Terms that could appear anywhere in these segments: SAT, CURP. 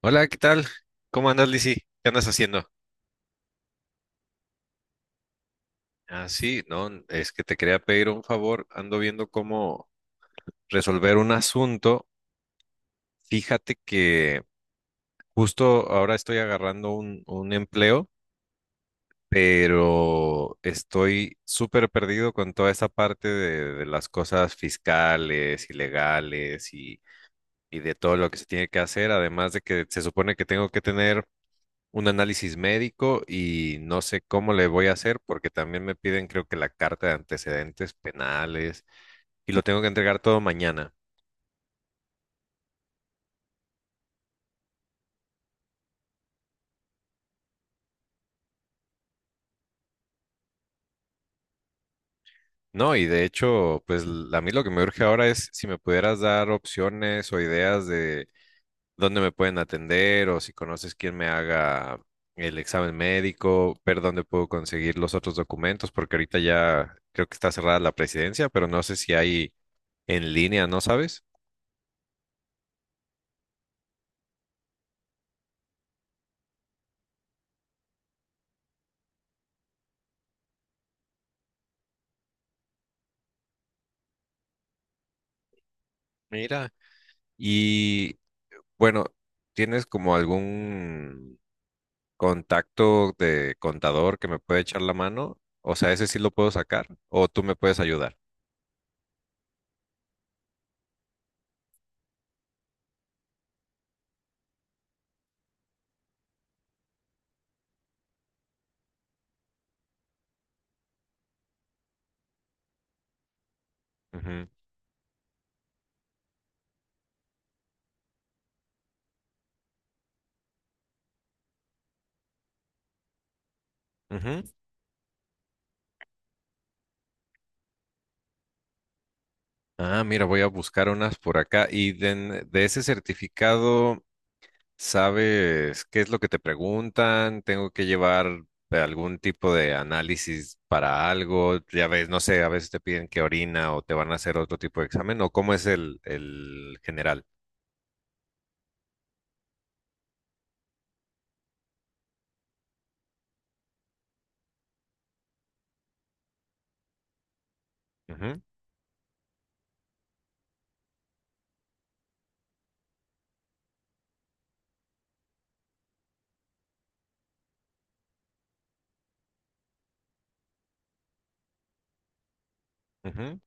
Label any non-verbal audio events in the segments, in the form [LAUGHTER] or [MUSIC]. Hola, ¿qué tal? ¿Cómo andas, Lizzy? ¿Qué andas haciendo? Ah, sí, no, es que te quería pedir un favor. Ando viendo cómo resolver un asunto. Fíjate que justo ahora estoy agarrando un empleo, pero estoy súper perdido con toda esa parte de las cosas fiscales y legales y de todo lo que se tiene que hacer. Además de que se supone que tengo que tener un análisis médico y no sé cómo le voy a hacer porque también me piden, creo que, la carta de antecedentes penales y lo tengo que entregar todo mañana. No, y de hecho, pues a mí lo que me urge ahora es si me pudieras dar opciones o ideas de dónde me pueden atender o si conoces quién me haga el examen médico, ver dónde puedo conseguir los otros documentos, porque ahorita ya creo que está cerrada la presidencia, pero no sé si hay en línea, ¿no sabes? Mira. Y Bueno, ¿tienes como algún contacto de contador que me puede echar la mano? O sea, ese sí lo puedo sacar o tú me puedes ayudar. Ujú, ujú. Ah, mira, voy a buscar unas por acá. Y de ese certificado, ¿sabes qué es lo que te preguntan? ¿Tengo que llevar algún tipo de análisis para algo? Ya ves, no sé, a veces te piden que orina o te van a hacer otro tipo de examen o cómo es el general. Ujú, ujú.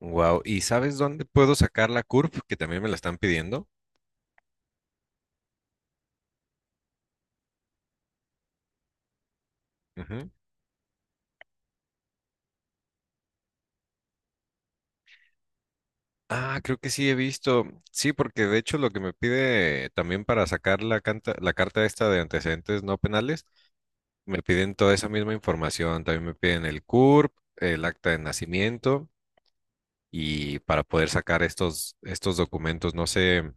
Wow. ¿Y sabes dónde puedo sacar la CURP? Que también me la están pidiendo. Ujú. Ah, creo que sí he visto. Sí, porque de hecho lo que me pide también para sacar la carta esta de antecedentes no penales, me piden toda esa misma información. También me piden el CURP, el acta de nacimiento y para poder sacar estos documentos, no sé,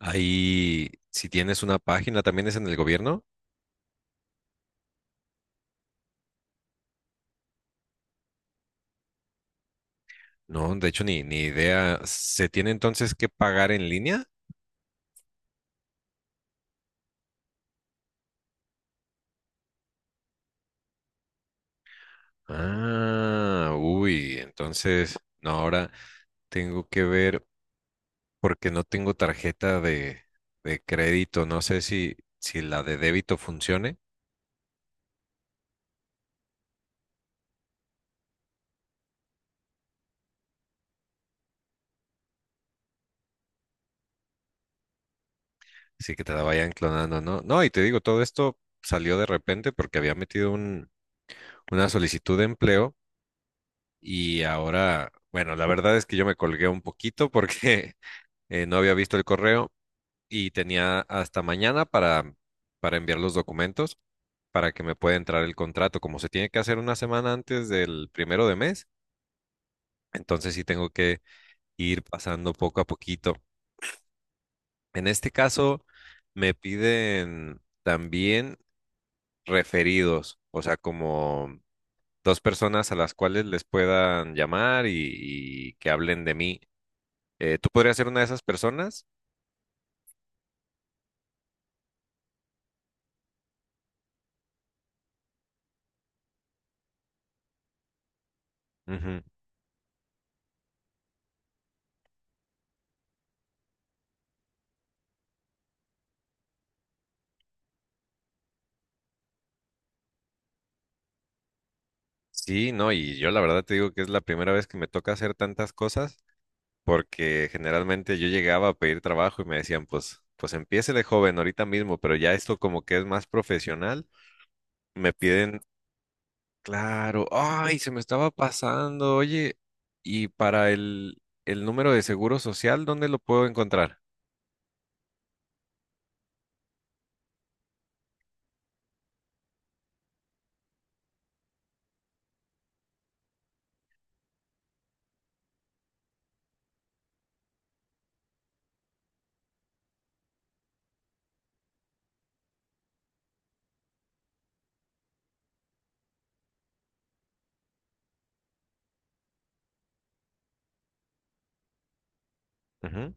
ahí si tienes una página, también es en el gobierno. No, de hecho ni idea. ¿Se tiene entonces que pagar en línea? Ah, uy, entonces, no, ahora tengo que ver porque no tengo tarjeta de crédito, no sé si, si la de débito funcione, si que te la vayan clonando, ¿no? No, y te digo, todo esto salió de repente porque había metido una solicitud de empleo y ahora, bueno, la verdad es que yo me colgué un poquito porque [LAUGHS] no había visto el correo y tenía hasta mañana para enviar los documentos, para que me pueda entrar el contrato. Como se tiene que hacer una semana antes del primero de mes, entonces sí tengo que ir pasando poco a poquito. En este caso, me piden también referidos, o sea, como dos personas a las cuales les puedan llamar y que hablen de mí. ¿Tú podrías ser una de esas personas? Ujú. Sí, no, y yo la verdad te digo que es la primera vez que me toca hacer tantas cosas, porque generalmente yo llegaba a pedir trabajo y me decían, pues, pues empiece de joven ahorita mismo, pero ya esto como que es más profesional, me piden, claro, ay, se me estaba pasando, oye, y para el número de seguro social, ¿dónde lo puedo encontrar? Ujú.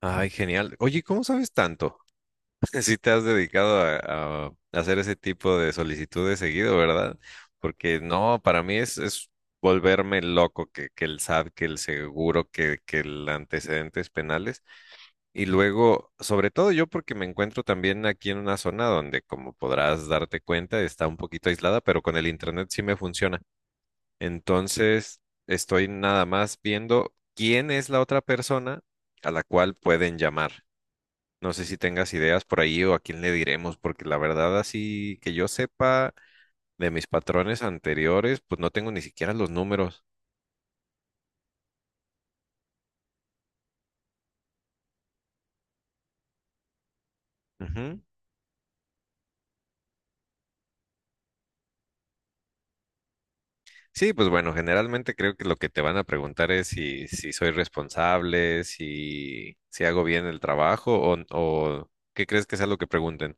Ay, genial. Oye, ¿cómo sabes tanto? [LAUGHS] Si te has dedicado a hacer ese tipo de solicitudes seguido, ¿verdad? Porque no, para mí es volverme loco que el SAT, que el seguro, que el antecedentes penales. Y luego, sobre todo yo porque me encuentro también aquí en una zona donde, como podrás darte cuenta, está un poquito aislada, pero con el internet sí me funciona. Entonces, estoy nada más viendo quién es la otra persona a la cual pueden llamar. No sé si tengas ideas por ahí o a quién le diremos, porque la verdad así que yo sepa de mis patrones anteriores, pues no tengo ni siquiera los números. Ujú. Sí, pues bueno, generalmente creo que lo que te van a preguntar es si, si soy responsable, si, si hago bien el trabajo o qué crees que sea lo que pregunten.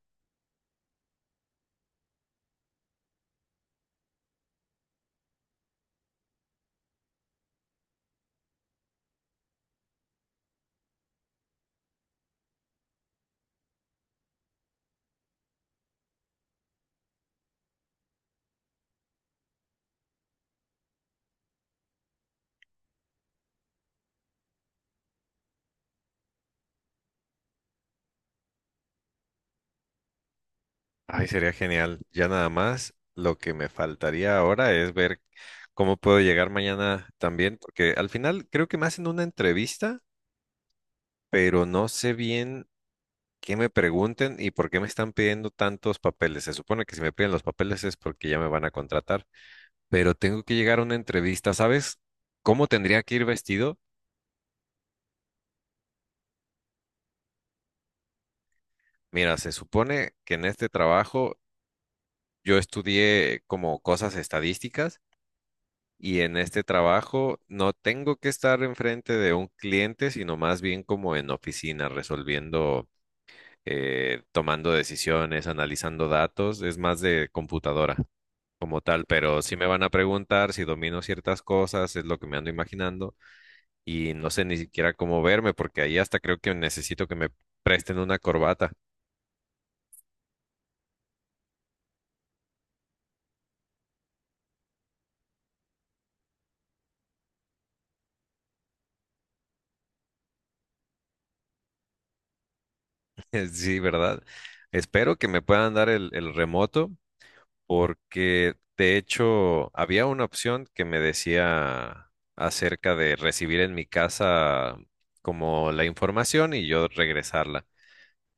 Ay, sería genial. Ya nada más, lo que me faltaría ahora es ver cómo puedo llegar mañana también, porque al final creo que me hacen una entrevista, pero no sé bien qué me pregunten y por qué me están pidiendo tantos papeles. Se supone que si me piden los papeles es porque ya me van a contratar, pero tengo que llegar a una entrevista. ¿Sabes cómo tendría que ir vestido? Mira, se supone que en este trabajo yo estudié como cosas estadísticas y en este trabajo no tengo que estar enfrente de un cliente, sino más bien como en oficina, resolviendo, tomando decisiones, analizando datos. Es más de computadora como tal, pero sí me van a preguntar si domino ciertas cosas, es lo que me ando imaginando, y no sé ni siquiera cómo verme, porque ahí hasta creo que necesito que me presten una corbata. [LAUGHS] Sí, ¿verdad? Espero que me puedan dar el remoto, porque de hecho había una opción que me decía acerca de recibir en mi casa como la información y yo regresarla.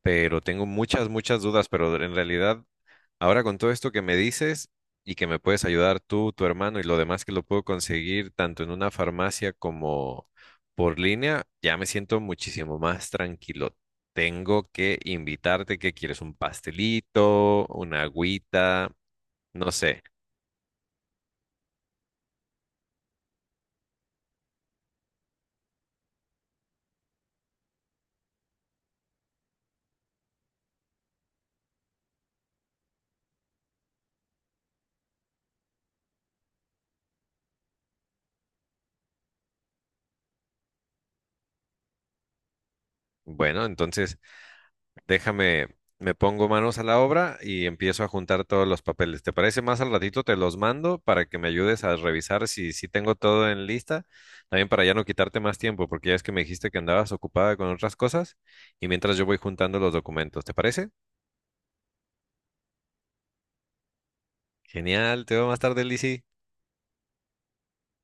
Pero tengo muchas, muchas dudas, pero en realidad, ahora con todo esto que me dices y que me puedes ayudar tú, tu hermano y lo demás que lo puedo conseguir tanto en una farmacia como por línea, ya me siento muchísimo más tranquilo. Tengo que invitarte, que quieres? ¿Un pastelito? ¿Una agüita? No sé. Bueno, entonces déjame, me pongo manos a la obra y empiezo a juntar todos los papeles. ¿Te parece más al ratito? Te los mando para que me ayudes a revisar si, si tengo todo en lista. También para ya no quitarte más tiempo, porque ya es que me dijiste que andabas ocupada con otras cosas y mientras yo voy juntando los documentos. ¿Te parece? Genial, te veo más tarde, Lizzy.